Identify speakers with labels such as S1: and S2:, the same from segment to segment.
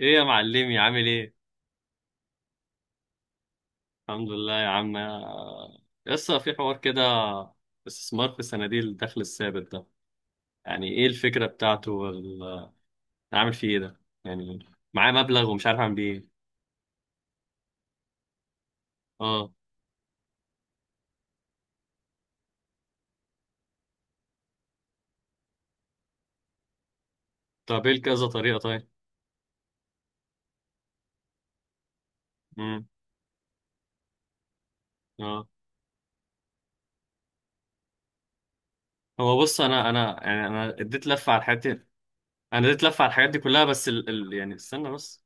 S1: ايه يا معلمي، عامل ايه؟ الحمد لله يا عم. لسه في حوار كده. استثمار في صناديق الدخل الثابت ده، يعني ايه الفكرة بتاعته، اعمل فيه ايه ده يعني؟ معاه مبلغ ومش عارف اعمل بيه ايه. اه. طب ايه كذا طريقة طيب؟ امم. اه. هو بص، انا يعني انا اديت لفة على الحاجات دي. انا اديت لفة على الحاجات دي كلها، بس يعني استنى بس.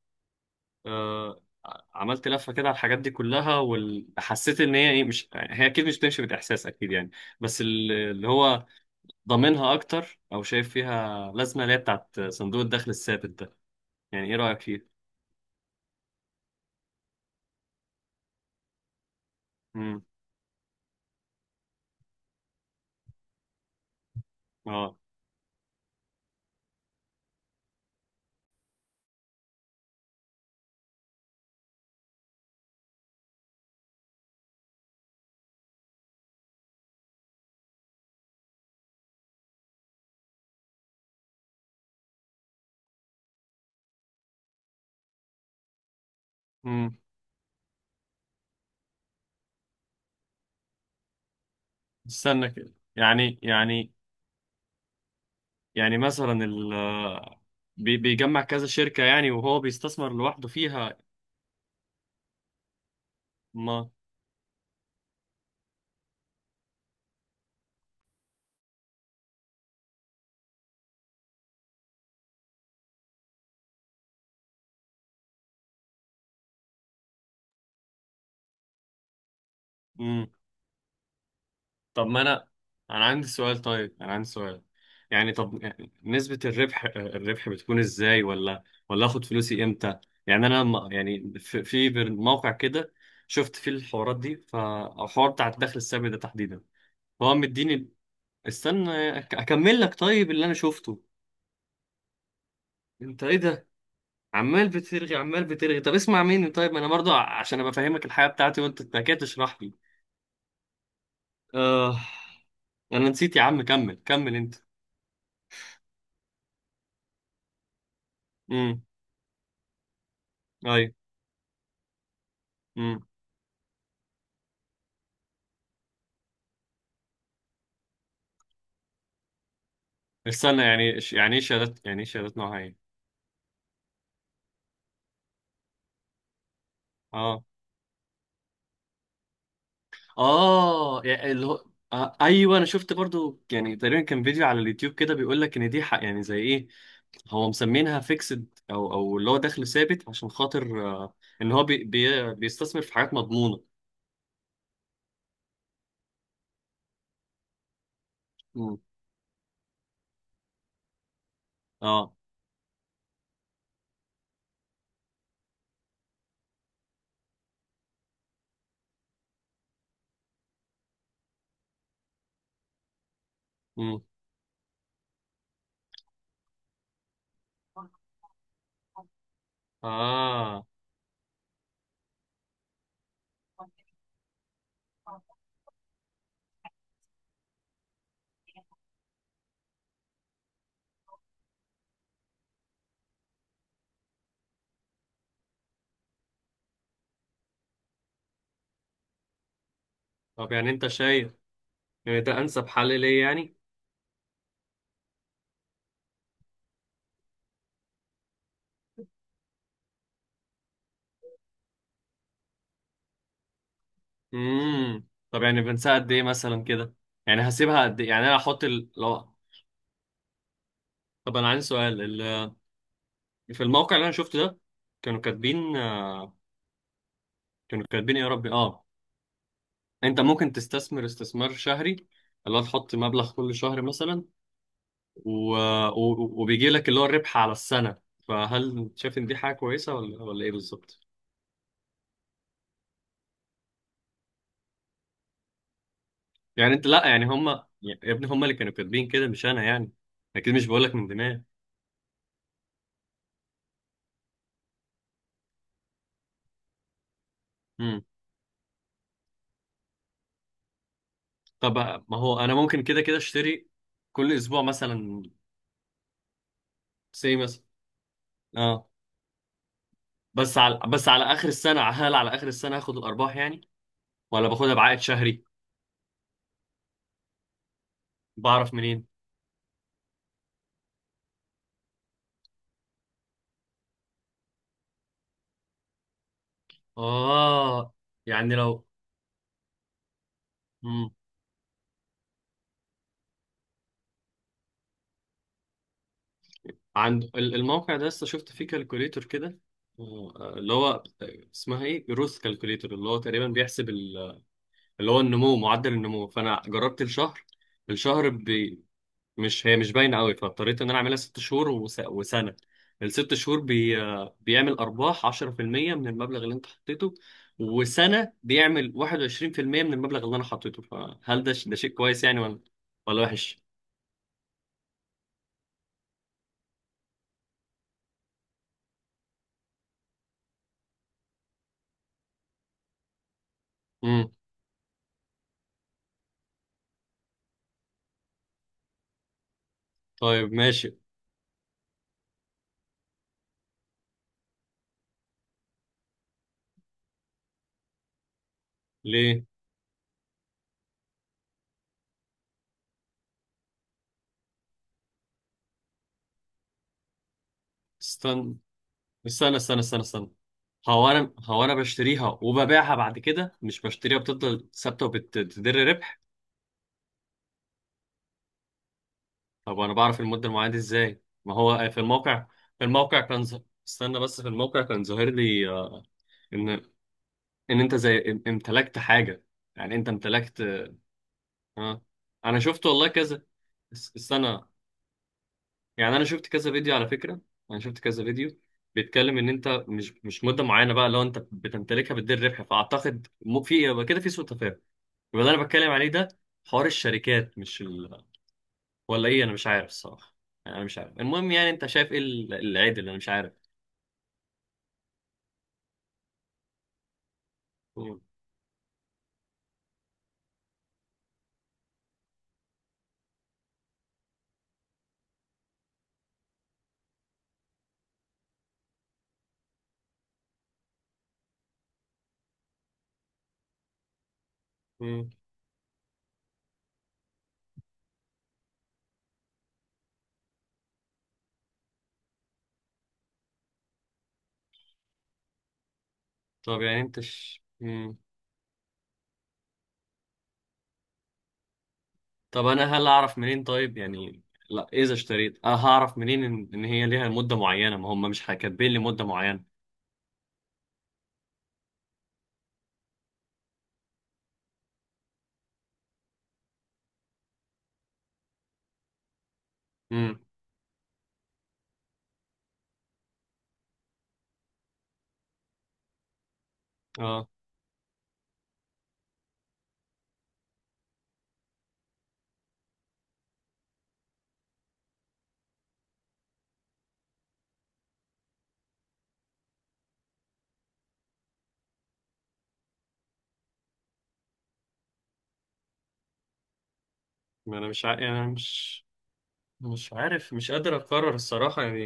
S1: آه، عملت لفة كده على الحاجات دي كلها، وحسيت ان هي ايه، مش هي اكيد مش بتمشي بالاحساس اكيد يعني. بس اللي هو ضامنها اكتر، او شايف فيها لازمه، اللي هي بتاعت صندوق الدخل الثابت ده. يعني ايه رايك فيه؟ امم. اه. امم. استنى كده، يعني، مثلا بيجمع كذا شركه يعني، وهو بيستثمر لوحده فيها. ما، طب، ما انا عندي سؤال، طيب انا عندي سؤال. يعني، طب يعني نسبة الربح، بتكون ازاي؟ ولا اخد فلوسي امتى؟ يعني انا يعني في موقع كده شفت فيه الحوارات دي، فالحوار بتاع الدخل السلبي ده تحديدا، هو مديني. استنى، اكمل لك طيب اللي انا شفته. انت ايه ده، عمال بترغي عمال بترغي؟ طب اسمع مني طيب، ما انا برضه عشان ابقى فاهمك الحياة بتاعتي، وانت كده تشرح لي. آه، انا نسيت يا عم، كمل كمل انت. امم. ايوه. استنى، يعني ايه شهادات نوعها ايه؟ اه. اه يعني اللي هو، آه ايوه، انا شفت برضو. يعني تقريبا كان فيديو على اليوتيوب كده بيقول لك ان دي حق، يعني زي ايه. هو مسمينها فيكسد، او اللي هو دخل ثابت، عشان خاطر آه، ان هو بي بي بيستثمر في حاجات مضمونه. امم. اه. امم. اه. طب يعني انت شايف ان ده انسب حل ليه يعني؟ امم. طب يعني بنساعد قد ايه مثلا كده؟ يعني هسيبها قد ايه؟ يعني انا احط لو، طب انا عندي سؤال. في الموقع اللي انا شفته ده، كانوا كاتبين كانوا كاتبين إيه يا ربي، اه. انت ممكن تستثمر استثمار شهري، اللي هو تحط مبلغ كل شهر مثلا، و... وبيجي لك اللي هو الربح على السنة، فهل شايف ان دي حاجة كويسة ولا ايه بالظبط؟ يعني انت، لا، يعني هم، يا ابني هم اللي كانوا كاتبين كده، مش انا يعني، اكيد مش بقول لك من دماغي. امم. طب ما هو انا ممكن كده اشتري كل اسبوع مثلا، سي مثلا. اه، بس على اخر السنة، هل على اخر السنة هاخد الارباح يعني؟ ولا باخدها بعائد شهري؟ بعرف منين؟ اه يعني لو مم. عند الموقع ده، لسه شفت فيه كالكوليتور كده، اللي هو اسمها ايه، جروث كالكوليتور، اللي هو تقريبا بيحسب اللي هو النمو، معدل النمو. فانا جربت الشهر، الشهر مش هي مش باينه قوي، فاضطريت ان انا اعملها ست شهور، وسنه. الست شهور بيعمل ارباح 10% من المبلغ اللي انت حطيته، وسنه بيعمل 21% من المبلغ اللي انا حطيته. فهل ده ده شيء كويس يعني؟ ولا وحش؟ امم. طيب ماشي. ليه؟ استنى استنى استنى استنى استنى، هو انا بشتريها وببيعها بعد كده؟ مش بشتريها بتفضل ثابته وبتدر ربح؟ طب وانا بعرف المده المعينه دي ازاي؟ ما هو في الموقع، كان استنى بس. في الموقع كان ظاهر لي آه، ان، انت زي امتلكت حاجه، يعني انت امتلكت. اه. انا شفت والله كذا. استنى، يعني انا شفت كذا فيديو على فكره. انا شفت كذا فيديو بيتكلم ان انت مش مده معينه. بقى لو انت بتمتلكها بتدير ربح، فاعتقد في إيه؟ يبقى كده في سوء تفاهم، يبقى اللي انا بتكلم عليه ده حوار الشركات، مش ولا ايه، انا مش عارف الصراحه، يعني انا مش عارف. المهم، يعني انت شايف ايه العيب اللي انا مش عارف. مم. مم. طب يعني انت ش... مم. طب انا هل اعرف منين طيب يعني، لا، اذا اشتريت انا هعرف منين ان, هي ليها مدة معينة؟ ما هم مش كاتبين لي مدة معينة. امم. اه. ما انا مش يعني انا مش مش عارف، مش قادر اقرر الصراحة يعني.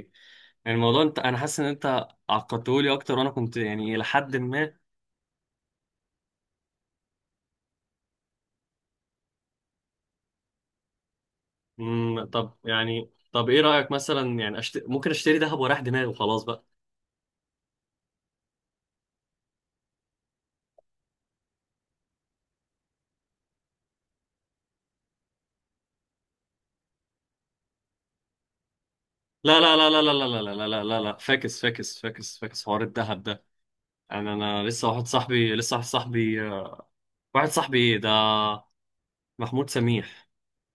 S1: يعني الموضوع انت، انا حاسس ان انت عقدتهولي اكتر، وانا كنت يعني الى حد ما. مم. طب يعني، طب ايه رأيك مثلا يعني، ممكن اشتري ذهب وراح دماغي وخلاص بقى؟ لا لا لا لا لا لا لا لا لا لا لا لا! فاكس فاكس فاكس فاكس حوار الذهب ده. انا لسه، واحد صاحبي ايه ده، محمود سميح،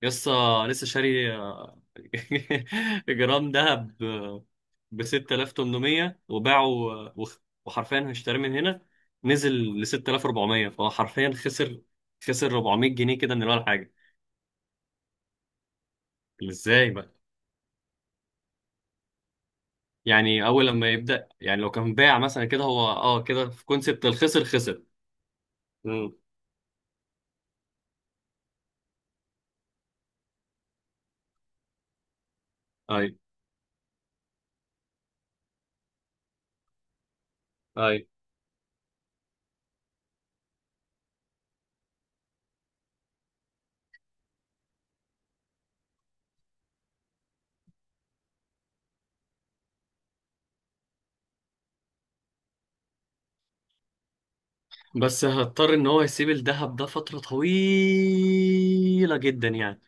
S1: لسه لسه شاري جرام ذهب ب 6800 وباعه، وخ- وحرفيا هيشتريه من هنا، نزل ل 6400، فهو حرفيا خسر، 400 جنيه كده من ولا حاجه. ازاي بقى؟ يعني اول لما يبدا، يعني لو كان باع مثلا كده هو، اه كده، في كونسبت الخسر، خسر. امم. اي. اي. بس هضطر ان هو يسيب الذهب ده فترة طويلة جدا يعني.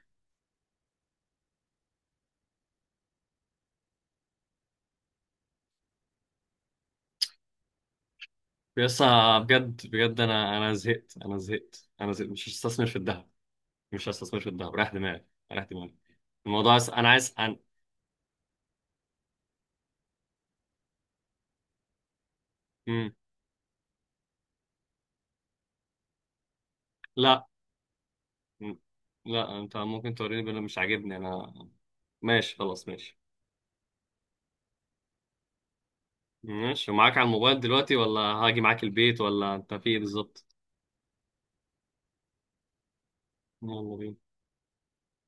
S1: بس بجد بجد، انا زهقت، انا زهقت، انا زهقت، مش هستثمر في الذهب، مش هستثمر في الذهب، رايح دماغي، رايح دماغي، الموضوع انا عايز مم. لا. مم. لا، انت ممكن توريني، بل مش عاجبني انا. ماشي خلاص، ماشي. ماشي، ومعاك على الموبايل دلوقتي، ولا هاجي معاك البيت، ولا انت في ايه بالظبط؟ يلا بينا.